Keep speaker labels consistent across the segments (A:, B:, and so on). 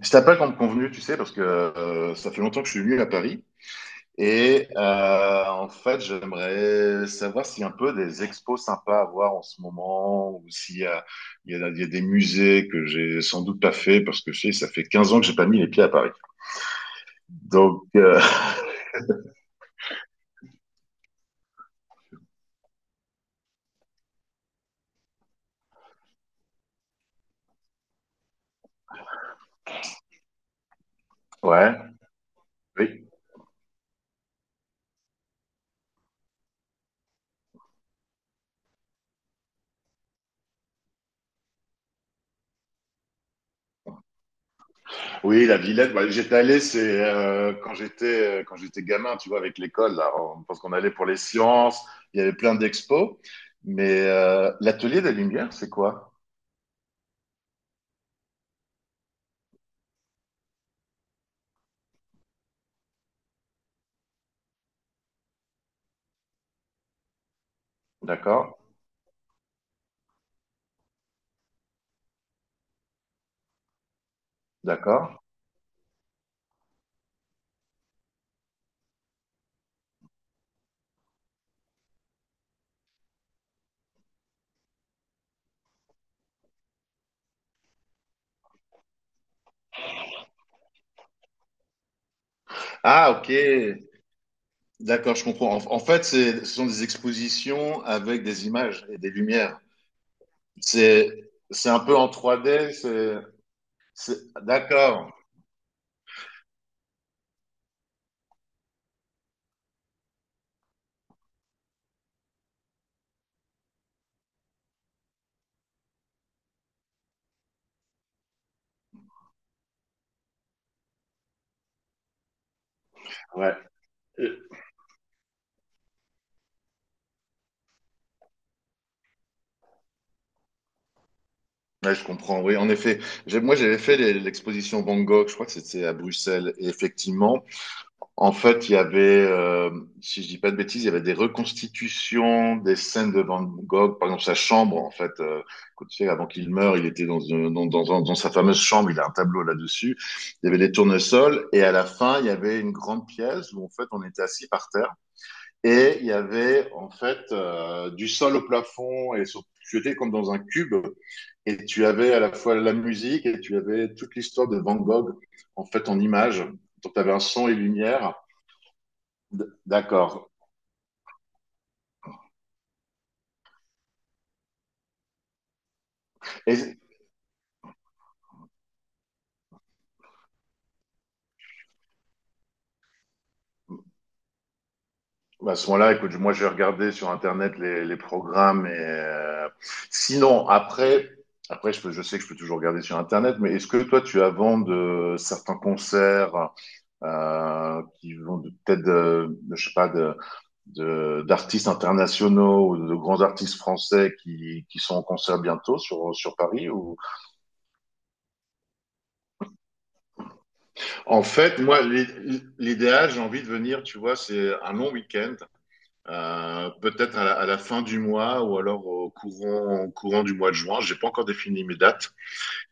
A: Je t'appelle comme convenu, tu sais, parce que ça fait longtemps que je suis venu à Paris. Et en fait, j'aimerais savoir s'il y a un peu des expos sympas à voir en ce moment, ou s'il y a, il y a- il y a des musées que j'ai sans doute pas fait, parce que je sais, ça fait 15 ans que j'ai pas mis les pieds à Paris. Donc, ouais, oui. Oui, la Villette, bah, j'étais allé, c'est quand j'étais gamin, tu vois, avec l'école, là, on, parce qu'on allait pour les sciences, il y avait plein d'expos. Mais l'atelier des Lumières, c'est quoi? D'accord. D'accord. Ah, ok. D'accord, je comprends. En fait, ce sont des expositions avec des images et des lumières. C'est un peu en trois d c'est, d'accord. Ouais. Euh, ouais, je comprends. Oui, en effet. Moi, j'avais fait l'exposition Van Gogh. Je crois que c'était à Bruxelles. Et effectivement, en fait, il y avait, si je dis pas de bêtises, il y avait des reconstitutions des scènes de Van Gogh, par exemple sa chambre, en fait, quand tu sais, avant qu'il meure, il était dans, une- dans, dans, dans dans sa fameuse chambre, il a un tableau là-dessus, il y avait des tournesols, et à la fin, il y avait une grande pièce où, en fait, on était assis par terre, et il y avait, en fait, du sol au plafond, tu étais comme dans un cube, et tu avais à la fois la musique, et tu avais toute l'histoire de Van Gogh, en fait, en images, donc tu avais un son et lumière. D'accord. Et bah, à ce moment-là, écoute, moi, je vais regarder sur Internet les programmes. Et, sinon, après, après je sais que je peux toujours regarder sur Internet, mais est-ce que toi, tu as vent de certains concerts qui vont peut-être je sais pas, d'artistes internationaux ou de grands artistes français qui sont en concert bientôt sur, sur Paris ou... En fait, moi, l'idéal, j'ai envie de venir, tu vois, c'est un long week-end. Peut-être à à la fin du mois ou alors au courant du mois de juin. J'ai pas encore défini mes dates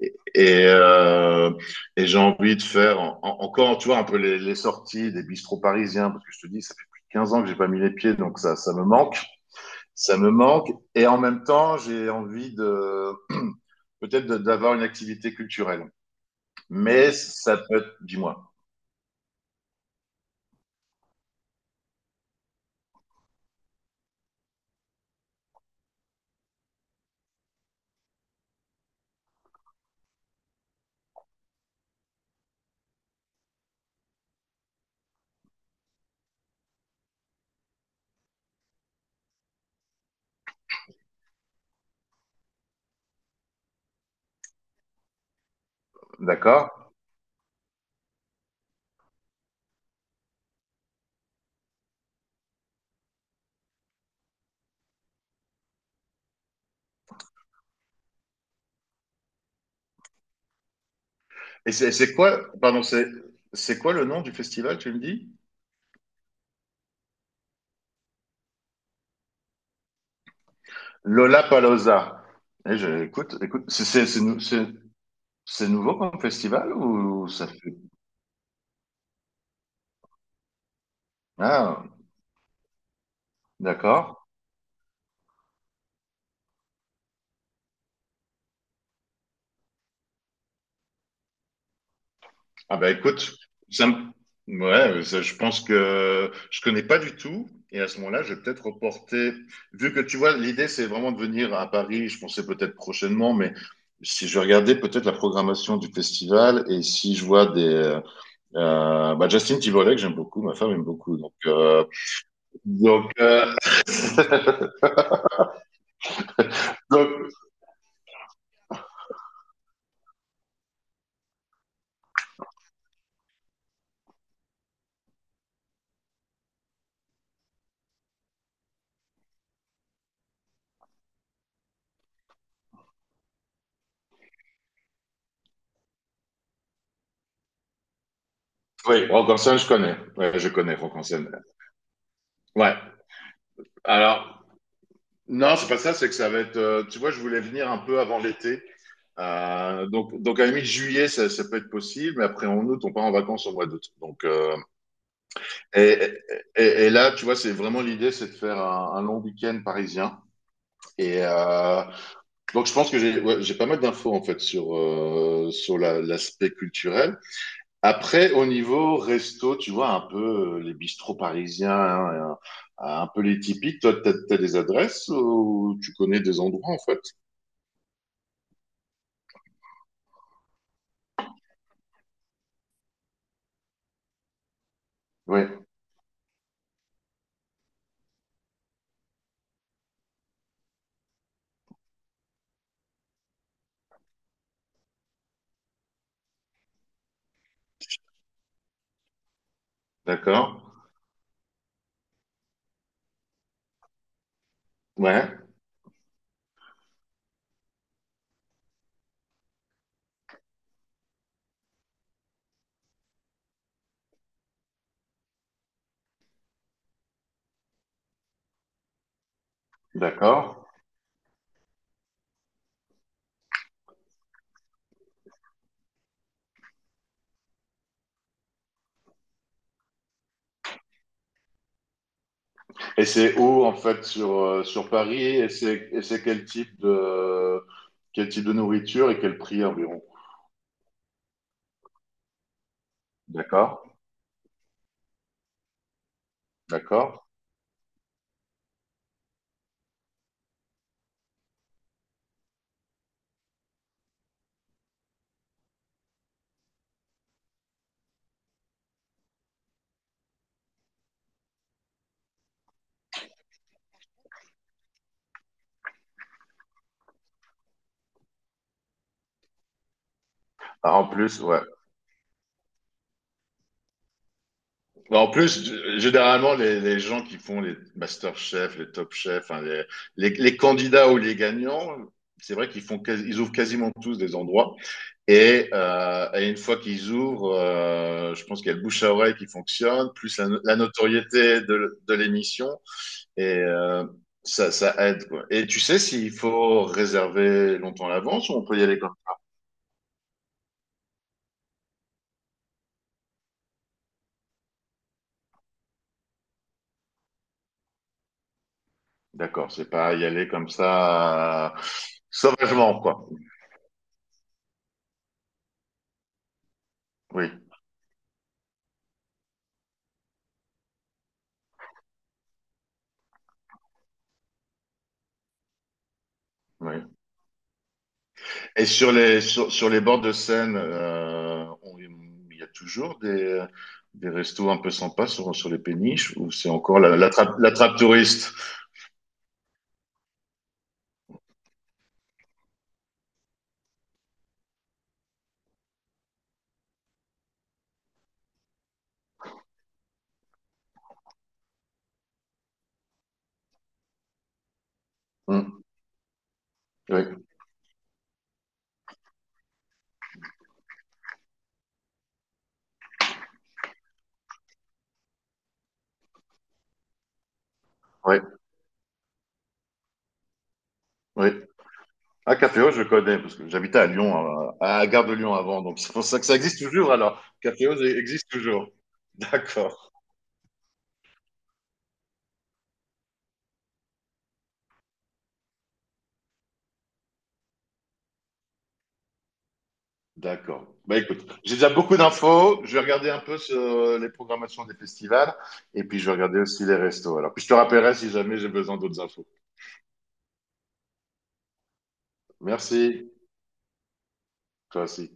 A: et, et, euh, et j'ai envie de faire encore, tu vois, un peu les sorties des bistrots parisiens parce que je te dis, ça fait plus de 15 ans que j'ai pas mis les pieds, donc ça me manque, ça me manque. Et en même temps, j'ai envie de peut-être d'avoir une activité culturelle. Mais ça peut être, dis-moi, d'accord? Et c'est quoi, pardon, c'est quoi le nom du festival, tu me dis? Lollapalooza. Eh, écoute, écoute, c'est nouveau comme festival ou ça fait... Ah, d'accord. Ah bah écoute, ça me- ouais, ça, je pense que je connais pas du tout. Et à ce moment-là, je vais peut-être reporter. Vu que tu vois, l'idée, c'est vraiment de venir à Paris. Je pensais peut-être prochainement, mais si je regardais peut-être la programmation du festival et si je vois des, bah, Justin Timberlake, j'aime beaucoup, ma femme aime beaucoup. Donc, donc, euh, donc, oui, Rock en scène, je connais. Ouais, je connais Rock en scène. Ouais. Alors, non, c'est pas ça, c'est que ça va être. Euh, tu vois, je voulais venir un peu avant l'été. Donc, à la mi-juillet, ça peut être possible, mais après, en août, on part en vacances au mois d'août. Donc, et, et là, tu vois, c'est vraiment l'idée, c'est de faire un long week-end parisien. Et donc, je pense que j'ai ouais, j'ai pas mal d'infos, en fait, sur, sur l'aspect culturel. Après, au niveau resto, tu vois, un peu les bistrots parisiens, hein, et un peu les typiques, toi, t'as des adresses ou tu connais des endroits, en fait? Oui, d'accord. Ouais, d'accord. Et c'est où, en fait, sur, sur Paris? Et c'est quel type de nourriture et quel prix environ? D'accord, d'accord. Ah, en plus, ouais, bon, en plus, généralement, les gens qui font les Master Chef, les Top Chef, enfin, les candidats ou les gagnants, c'est vrai qu'ils font, ils ouvrent quasiment tous des endroits. Et une fois qu'ils ouvrent, je pense qu'il y a le bouche à oreille qui fonctionne, plus la, la notoriété de l'émission, et euh, ça, ça aide, quoi. Et tu sais s'il faut réserver longtemps à l'avance ou on peut y aller comme... ça? D'accord, c'est pas y aller comme ça, sauvagement, quoi. Oui, oui. Et sur les, sur, sur les bords de Seine, il y a toujours des restos un peu sympas sur, sur les péniches, ou c'est encore la trappe touriste? Hmm, oui, oui, oui. Ah, Caféo, je connais, parce que j'habitais à Lyon, à Gare de Lyon avant, donc c'est pour ça que ça existe toujours, alors. Caféo existe toujours. D'accord, d'accord. Bah écoute, j'ai déjà beaucoup d'infos, je vais regarder un peu sur les programmations des festivals, et puis je vais regarder aussi les restos. Alors, puis je te rappellerai si jamais j'ai besoin d'autres infos. Merci. Classique